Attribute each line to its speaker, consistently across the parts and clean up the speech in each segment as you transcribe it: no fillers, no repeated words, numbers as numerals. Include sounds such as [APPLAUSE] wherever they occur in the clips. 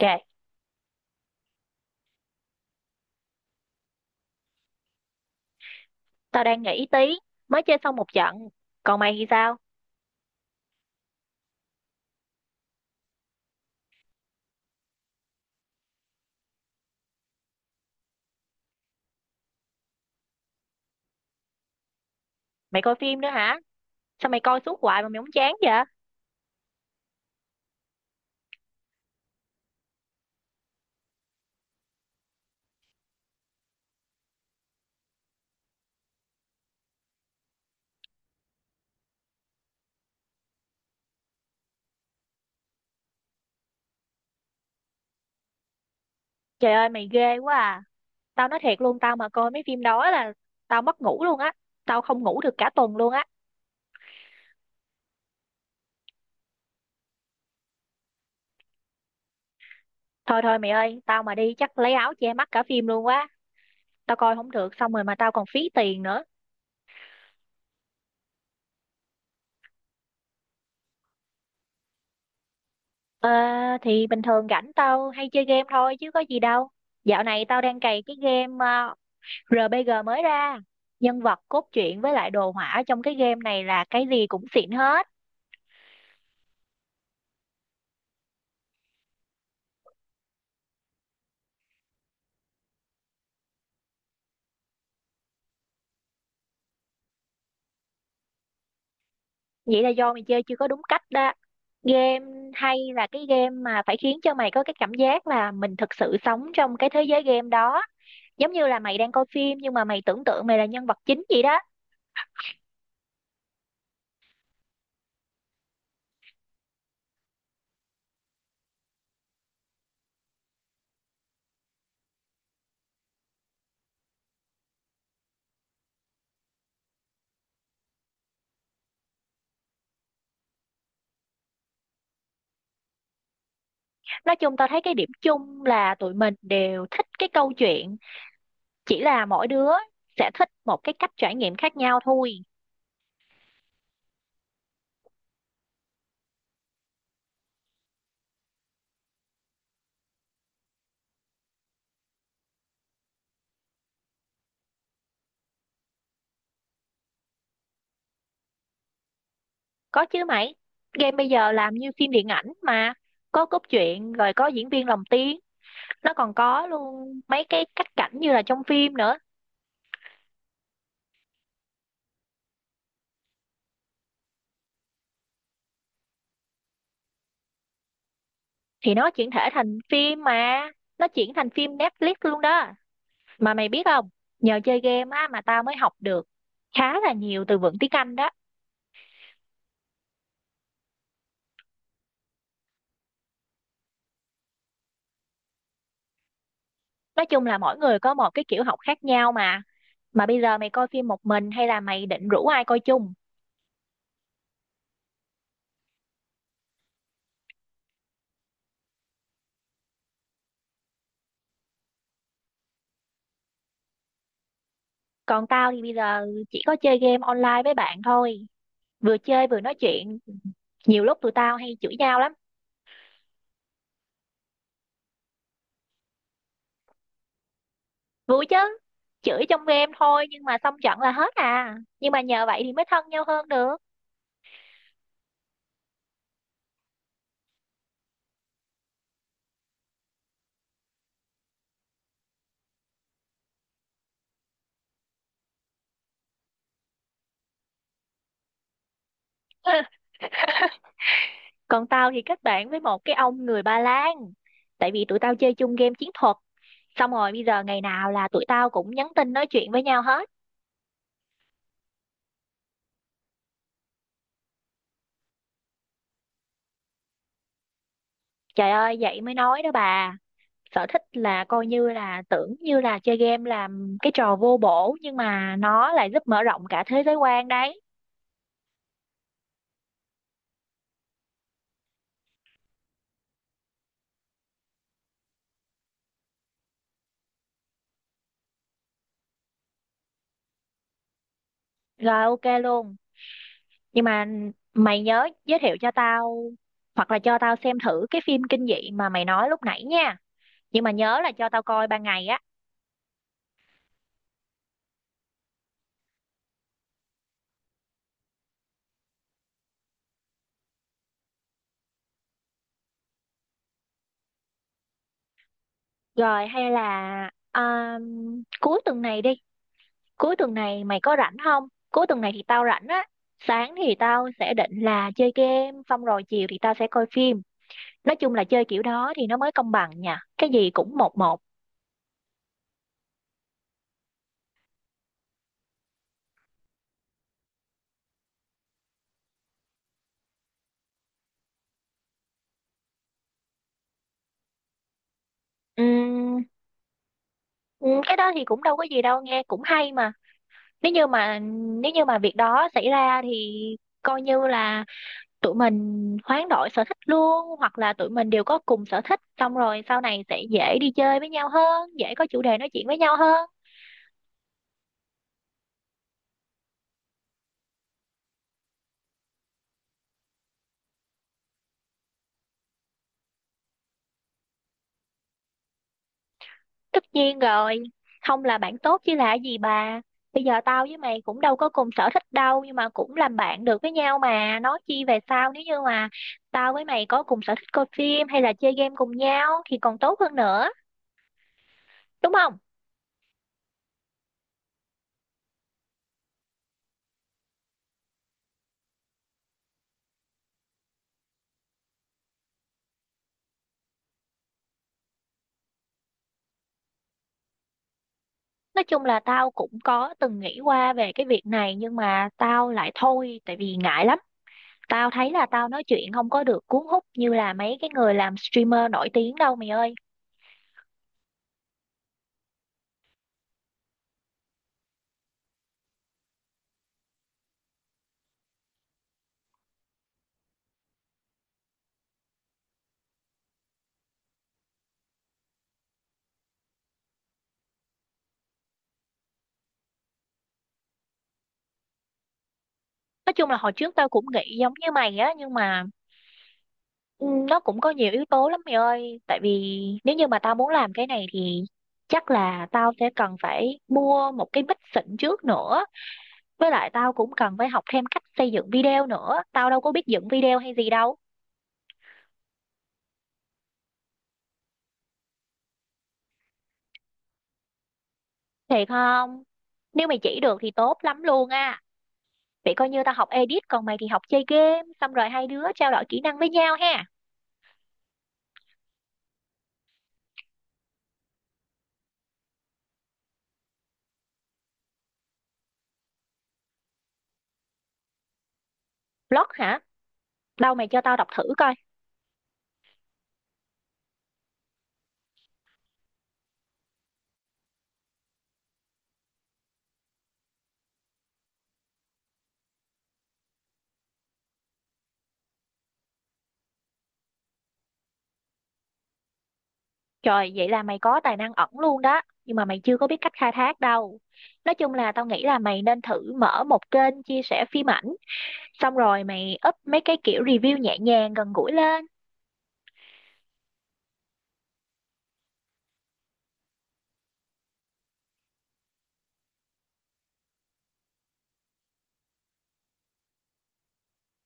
Speaker 1: Kìa, tao đang nghỉ tí, mới chơi xong một trận. Còn mày thì sao? Mày coi phim nữa hả? Sao mày coi suốt hoài mà mày không chán vậy? Trời ơi, mày ghê quá à. Tao nói thiệt luôn, tao mà coi mấy phim đó là tao mất ngủ luôn á. Tao không ngủ được cả tuần luôn á. Thôi thôi mày ơi, tao mà đi chắc lấy áo che mắt cả phim luôn quá. Tao coi không được, xong rồi mà tao còn phí tiền nữa. Ờ, thì bình thường rảnh tao hay chơi game thôi chứ có gì đâu. Dạo này tao đang cày cái game RPG mới ra. Nhân vật cốt truyện với lại đồ họa trong cái game này là cái gì cũng xịn hết. Vậy là do mày chơi chưa có đúng cách đó. Game hay là cái game mà phải khiến cho mày có cái cảm giác là mình thực sự sống trong cái thế giới game đó. Giống như là mày đang coi phim nhưng mà mày tưởng tượng mày là nhân vật chính vậy đó. Nói chung tao thấy cái điểm chung là tụi mình đều thích cái câu chuyện, chỉ là mỗi đứa sẽ thích một cái cách trải nghiệm khác nhau thôi. Có chứ mày, game bây giờ làm như phim điện ảnh mà, có cốt truyện rồi có diễn viên lồng tiếng, nó còn có luôn mấy cái cắt cảnh như là trong phim nữa, thì nó chuyển thể thành phim mà, nó chuyển thành phim Netflix luôn đó. Mà mày biết không, nhờ chơi game á mà tao mới học được khá là nhiều từ vựng tiếng Anh đó. Nói chung là mỗi người có một cái kiểu học khác nhau mà. Mà bây giờ mày coi phim một mình hay là mày định rủ ai coi chung? Còn tao thì bây giờ chỉ có chơi game online với bạn thôi. Vừa chơi vừa nói chuyện, nhiều lúc tụi tao hay chửi nhau lắm. Vui chứ, chửi trong game thôi nhưng mà xong trận là hết à, nhưng mà nhờ vậy thì mới thân nhau hơn được. [LAUGHS] Còn tao thì kết bạn với một cái ông người Ba Lan, tại vì tụi tao chơi chung game chiến thuật, xong rồi bây giờ ngày nào là tụi tao cũng nhắn tin nói chuyện với nhau hết. Trời ơi, vậy mới nói đó bà, sở thích là coi như là, tưởng như là chơi game làm cái trò vô bổ nhưng mà nó lại giúp mở rộng cả thế giới quan đấy. Rồi, ok luôn, nhưng mà mày nhớ giới thiệu cho tao, hoặc là cho tao xem thử cái phim kinh dị mà mày nói lúc nãy nha, nhưng mà nhớ là cho tao coi ban ngày á. Rồi hay là cuối tuần này đi, cuối tuần này mày có rảnh không? Cuối tuần này thì tao rảnh á, sáng thì tao sẽ định là chơi game, xong rồi chiều thì tao sẽ coi phim. Nói chung là chơi kiểu đó thì nó mới công bằng nha, cái gì cũng một một. Ừm, ừm, cái đó thì cũng đâu có gì đâu, nghe cũng hay mà. Nếu như mà nếu như mà việc đó xảy ra thì coi như là tụi mình hoán đổi sở thích luôn, hoặc là tụi mình đều có cùng sở thích, xong rồi sau này sẽ dễ đi chơi với nhau hơn, dễ có chủ đề nói chuyện với nhau hơn. Tất nhiên rồi, không là bạn tốt chứ là gì bà. Bây giờ tao với mày cũng đâu có cùng sở thích đâu, nhưng mà cũng làm bạn được với nhau mà, nói chi về sau, nếu như mà tao với mày có cùng sở thích coi phim hay là chơi game cùng nhau thì còn tốt hơn nữa, đúng không? Nói chung là tao cũng có từng nghĩ qua về cái việc này, nhưng mà tao lại thôi tại vì ngại lắm. Tao thấy là tao nói chuyện không có được cuốn hút như là mấy cái người làm streamer nổi tiếng đâu mày ơi. Nói chung là hồi trước tao cũng nghĩ giống như mày á, nhưng mà ừ, nó cũng có nhiều yếu tố lắm mày ơi. Tại vì nếu như mà tao muốn làm cái này thì chắc là tao sẽ cần phải mua một cái mic xịn trước nữa. Với lại tao cũng cần phải học thêm cách xây dựng video nữa. Tao đâu có biết dựng video hay gì đâu. Thiệt không? Nếu mày chỉ được thì tốt lắm luôn á. Vậy coi như tao học edit, còn mày thì học chơi game, xong rồi hai đứa trao đổi kỹ năng với nhau ha. Blog hả? Đâu mày cho tao đọc thử coi. Trời, vậy là mày có tài năng ẩn luôn đó, nhưng mà mày chưa có biết cách khai thác đâu. Nói chung là tao nghĩ là mày nên thử mở một kênh chia sẻ phim ảnh, xong rồi mày up mấy cái kiểu review nhẹ nhàng gần gũi lên.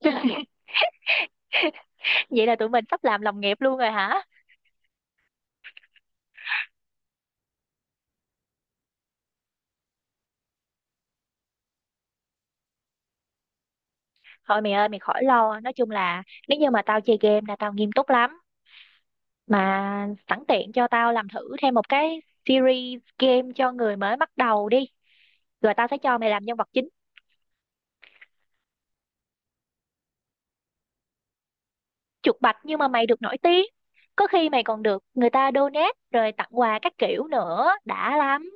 Speaker 1: [LAUGHS] Vậy là tụi mình sắp làm đồng nghiệp luôn rồi hả? Thôi mày ơi, mày khỏi lo, nói chung là nếu như mà tao chơi game là tao nghiêm túc lắm. Mà sẵn tiện cho tao làm thử thêm một cái series game cho người mới bắt đầu đi, rồi tao sẽ cho mày làm nhân vật chính. Chuột bạch nhưng mà mày được nổi tiếng, có khi mày còn được người ta donate rồi tặng quà các kiểu nữa, đã lắm.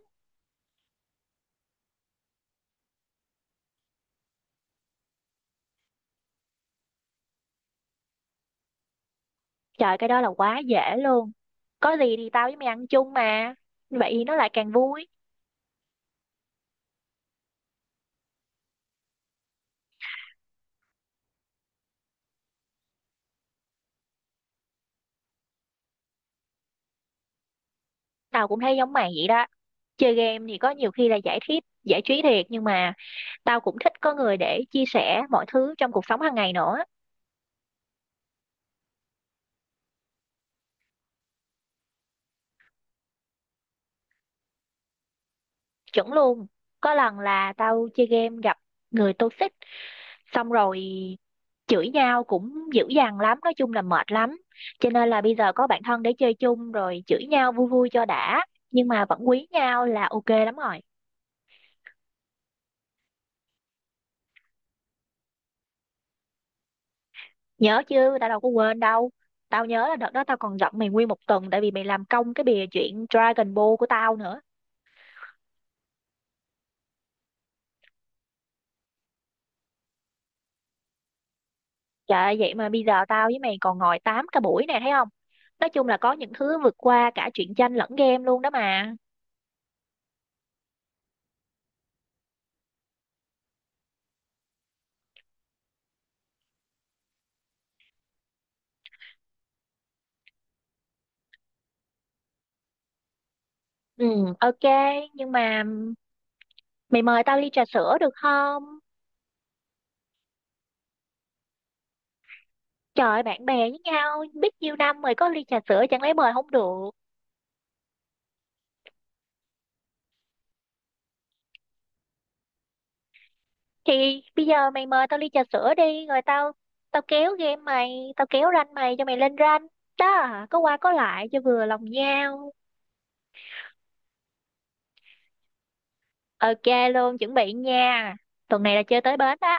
Speaker 1: Trời, cái đó là quá dễ luôn, có gì thì tao với mày ăn chung mà, vậy thì nó lại càng vui. Tao cũng thấy giống mày vậy đó, chơi game thì có nhiều khi là giải trí, giải trí thiệt, nhưng mà tao cũng thích có người để chia sẻ mọi thứ trong cuộc sống hàng ngày nữa. Chuẩn luôn, có lần là tao chơi game gặp người toxic, xong rồi chửi nhau cũng dữ dằn lắm, nói chung là mệt lắm, cho nên là bây giờ có bạn thân để chơi chung rồi chửi nhau vui vui cho đã, nhưng mà vẫn quý nhau là ok lắm rồi. Nhớ chứ, tao đâu có quên đâu. Tao nhớ là đợt đó tao còn giận mày nguyên một tuần, tại vì mày làm công cái bìa chuyện Dragon Ball của tao nữa. Trời ơi, vậy mà bây giờ tao với mày còn ngồi tám cả buổi này, thấy không? Nói chung là có những thứ vượt qua cả truyện tranh lẫn game luôn đó mà. Ừ, ok, nhưng mà mày mời tao ly trà sữa được không? Trời ơi, bạn bè với nhau, biết nhiêu năm rồi, có ly trà sữa chẳng lẽ mời không được. Thì bây giờ mày mời tao ly trà sữa đi, rồi tao tao kéo game mày, tao kéo rank mày cho mày lên rank. Đó, có qua có lại cho vừa lòng nhau. Ok luôn, chuẩn bị nha. Tuần này là chơi tới bến đó.